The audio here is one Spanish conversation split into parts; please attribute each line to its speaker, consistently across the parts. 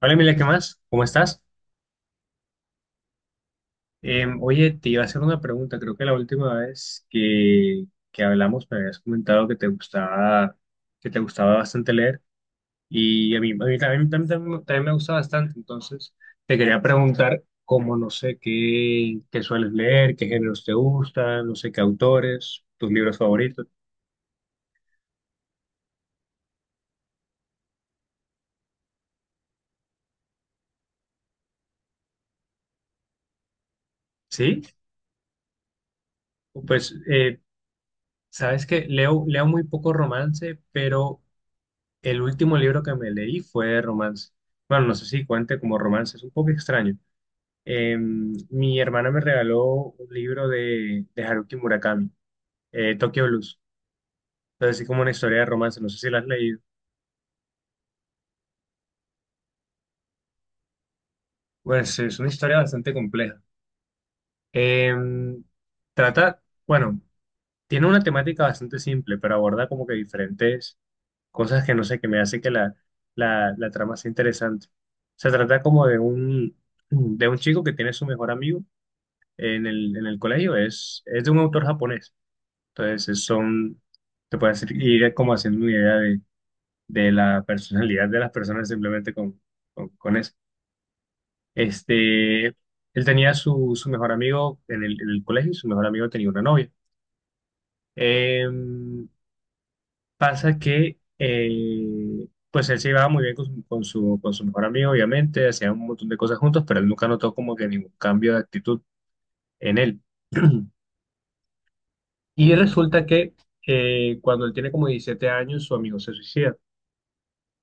Speaker 1: Hola Emilia, ¿qué más? ¿Cómo estás? Oye, te iba a hacer una pregunta. Creo que la última vez que hablamos me habías comentado que te gustaba bastante leer, y a mí también, también me gusta bastante. Entonces, te quería preguntar, cómo no sé qué sueles leer, qué géneros te gustan, no sé qué autores, tus libros favoritos. ¿Sí? Pues, sabes que leo muy poco romance, pero el último libro que me leí fue de romance. Bueno, no sé si cuente como romance, es un poco extraño. Mi hermana me regaló un libro de Haruki Murakami, Tokyo Blues. Entonces, así como una historia de romance, no sé si la has leído. Pues es una historia bastante compleja. Eh, Trata, bueno, tiene una temática bastante simple, pero aborda como que diferentes cosas, que no sé, que me hace que la trama sea interesante. Se trata como de un chico que tiene su mejor amigo en el colegio. Es de un autor japonés. Entonces, son, te puedes ir como haciendo una idea de la personalidad de las personas, simplemente con, con eso. Él tenía su, su mejor amigo en el colegio, y su mejor amigo tenía una novia. Em, Pasa que, pues él se llevaba muy bien con su, con su, con su mejor amigo. Obviamente, hacían un montón de cosas juntos, pero él nunca notó como que ningún cambio de actitud en él. Y resulta que cuando él tiene como 17 años, su amigo se suicida.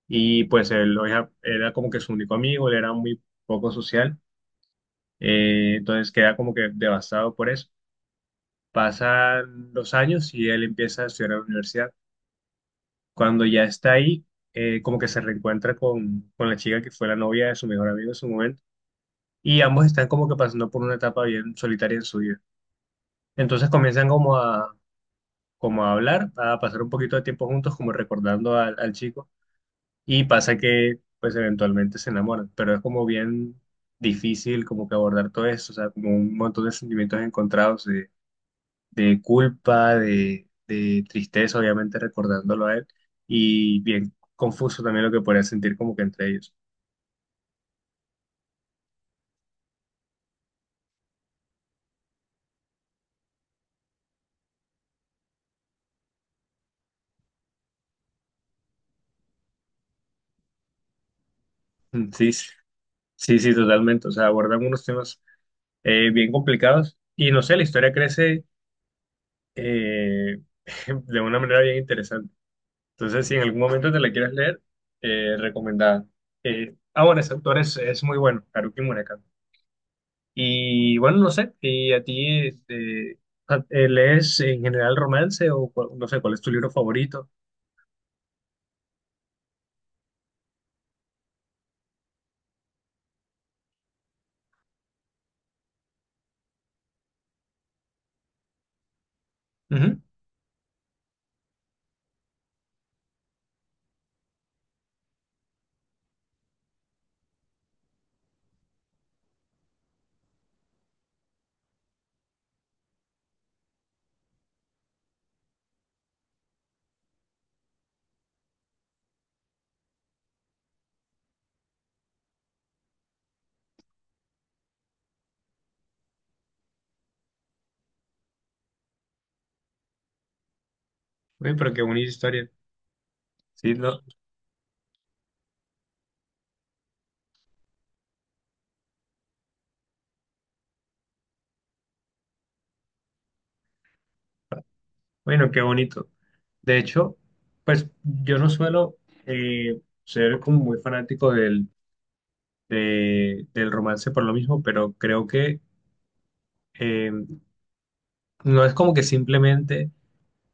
Speaker 1: Y pues él lo era como que su único amigo. Él era muy poco social. Entonces queda como que devastado por eso. Pasan los años y él empieza a estudiar en la universidad. Cuando ya está ahí, como que se reencuentra con la chica que fue la novia de su mejor amigo en su momento. Y ambos están como que pasando por una etapa bien solitaria en su vida. Entonces comienzan como a, como a hablar, a pasar un poquito de tiempo juntos, como recordando al chico. Y pasa que, pues, eventualmente se enamoran, pero es como bien difícil como que abordar todo eso, o sea, como un montón de sentimientos encontrados de culpa, de tristeza, obviamente recordándolo a él, y bien confuso también lo que podrían sentir como que entre ellos. Mm, sí, sí, sí, sí, totalmente, o sea, abordan unos temas bien complicados, y no sé, la historia crece, eh, de una manera bien interesante. Entonces, si en algún momento te la quieres leer, recomendada. Bueno, ese autor es muy bueno, Haruki Murakami. Y bueno, no sé, y a ti ¿lees en general romance, o no sé, cuál es tu libro favorito? Ujú. Uy, pero qué bonita historia. Sí, no. Bueno, qué bonito. De hecho, pues yo no suelo, ser como muy fanático del, del romance por lo mismo, pero creo que, eh, no es como que simplemente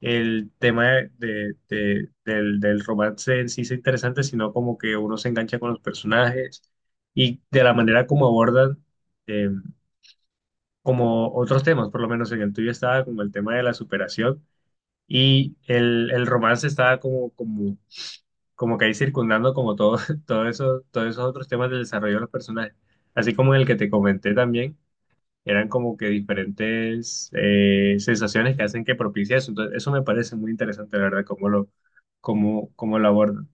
Speaker 1: el tema del romance en sí sea interesante, sino como que uno se engancha con los personajes y de la manera como abordan, eh, como otros temas. Por lo menos, en el tuyo estaba como el tema de la superación, y el romance estaba como, como, como que ahí circundando como todo, todo eso, todos esos otros temas del desarrollo de los personajes. Así como en el que te comenté también, eran como que diferentes, sensaciones que hacen que propicie eso. Entonces, eso me parece muy interesante, la verdad, cómo lo abordan.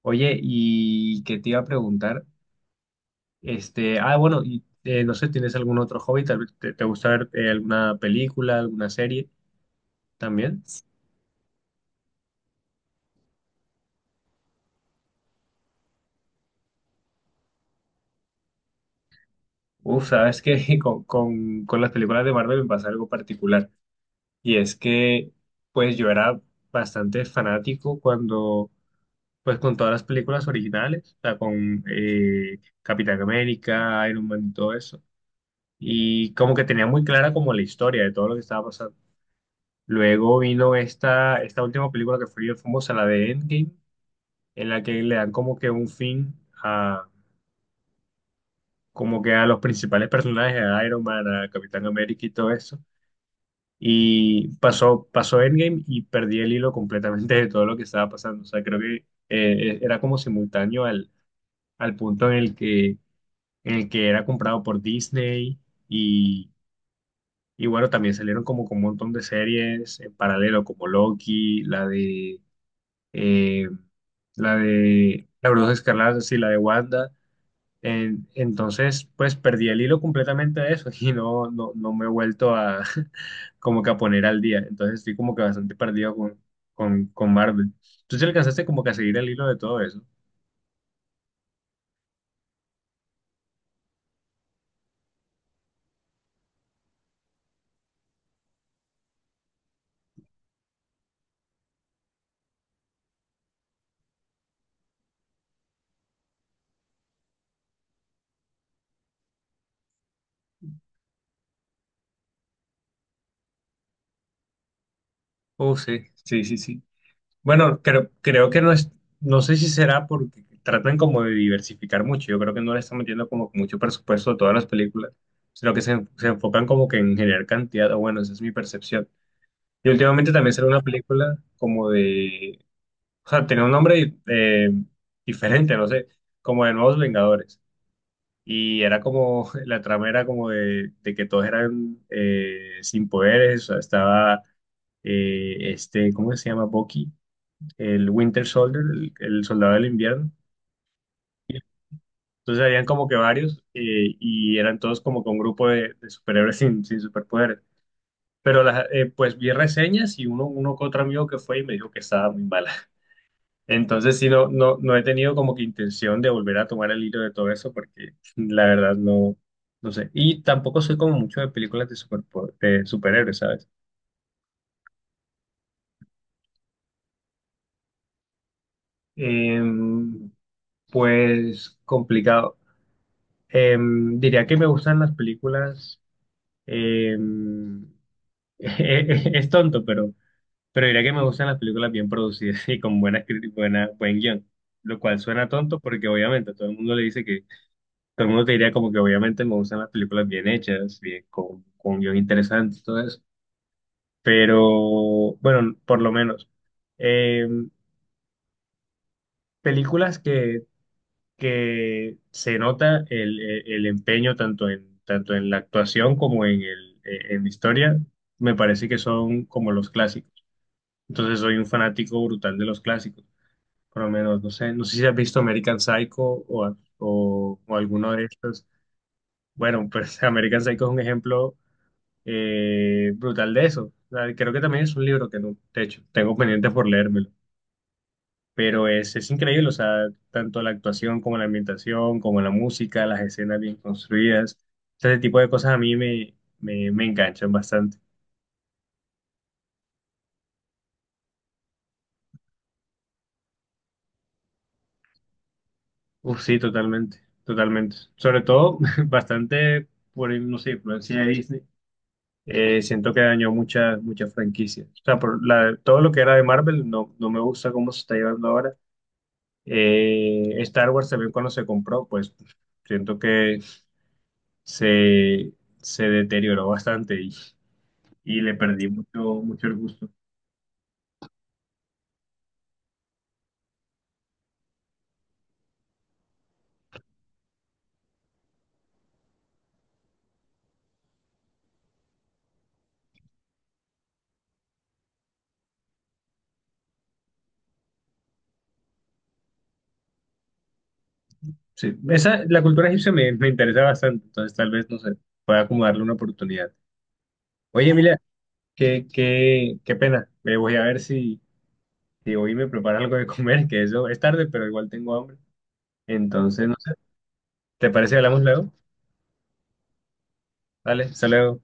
Speaker 1: Oye, y qué te iba a preguntar, bueno, y no sé, ¿tienes algún otro hobby? Tal vez te gusta ver, alguna película, alguna serie también. Uf, sabes que con las películas de Marvel me pasa algo particular. Y es que, pues yo era bastante fanático, cuando, pues, con todas las películas originales, o sea, con, Capitán América, Iron Man y todo eso. Y como que tenía muy clara como la historia de todo lo que estaba pasando. Luego vino esta, esta última película que fue bien famosa, la de Endgame, en la que le dan como que un fin a, como que a los principales personajes, a Iron Man, a Capitán América y todo eso. Y pasó Endgame y perdí el hilo completamente de todo lo que estaba pasando. O sea, creo que, era como simultáneo al, al punto en el que, en el que era comprado por Disney, y, y bueno, también salieron como con un montón de series en paralelo, como Loki, la de, eh, la de la Bruja Escarlata, sí, la de Wanda. Entonces, pues perdí el hilo completamente a eso y no me he vuelto a como que a poner al día. Entonces estoy como que bastante perdido con Marvel. ¿Tú te alcanzaste como que a seguir el hilo de todo eso? Oh, sí, sí, sí, sí. Bueno, creo, creo que no es, no sé si será porque tratan como de diversificar mucho. Yo creo que no le están metiendo como que mucho presupuesto a todas las películas, sino que se enfocan como que en generar cantidad, o bueno, esa es mi percepción. Y últimamente también será una película como de, o sea, tenía un nombre, diferente, no sé, como de Nuevos Vengadores. Y era como, la trama era como de que todos eran, sin poderes, o sea, estaba, ¿cómo se llama? Bucky, el Winter Soldier, el soldado del invierno. Entonces habían como que varios, y eran todos como que un grupo de superhéroes, sin, sin superpoderes. Pero pues vi reseñas, y uno que otro amigo que fue y me dijo que estaba muy mala. Entonces sí, no he tenido como que intención de volver a tomar el hilo de todo eso, porque la verdad no sé. Y tampoco soy como mucho de películas de superhéroes, ¿sabes? Em, pues complicado. Diría que me gustan las películas. Eh, es tonto, pero diría que me gustan las películas bien producidas y con buena críticas, buen guión. Lo cual suena tonto, porque obviamente todo el mundo le dice que, todo el mundo te diría como que obviamente me gustan las películas bien hechas, bien, con guión interesante y todo eso. Pero bueno, por lo menos, eh, películas que se nota el empeño, tanto en, tanto en la actuación, como en la historia, me parece que son como los clásicos. Entonces soy un fanático brutal de los clásicos. Por lo menos, no sé, no sé si has visto American Psycho, o alguno de estos. Bueno, pues American Psycho es un ejemplo, brutal de eso. O sea, creo que también es un libro que no, de hecho, tengo pendiente por leérmelo. Pero es increíble, o sea, tanto la actuación, como la ambientación, como la música, las escenas bien construidas. Ese tipo de cosas a mí me enganchan bastante. Uf, sí, totalmente, totalmente. Sobre todo, bastante por, no sé, influencia de Disney. Siento que dañó muchas, muchas franquicias. O sea, todo lo que era de Marvel no me gusta cómo se está llevando ahora. Star Wars también, cuando se compró, pues siento que se deterioró bastante, y le perdí mucho, mucho el gusto. Sí, la cultura egipcia me interesa bastante, entonces tal vez, no sé, pueda como darle una oportunidad. Oye, Emilia. Qué pena. Me voy a ver si, si hoy me preparo algo de comer, que eso es tarde, pero igual tengo hambre. Entonces, no sé. ¿Te parece que hablamos luego? Vale, hasta luego.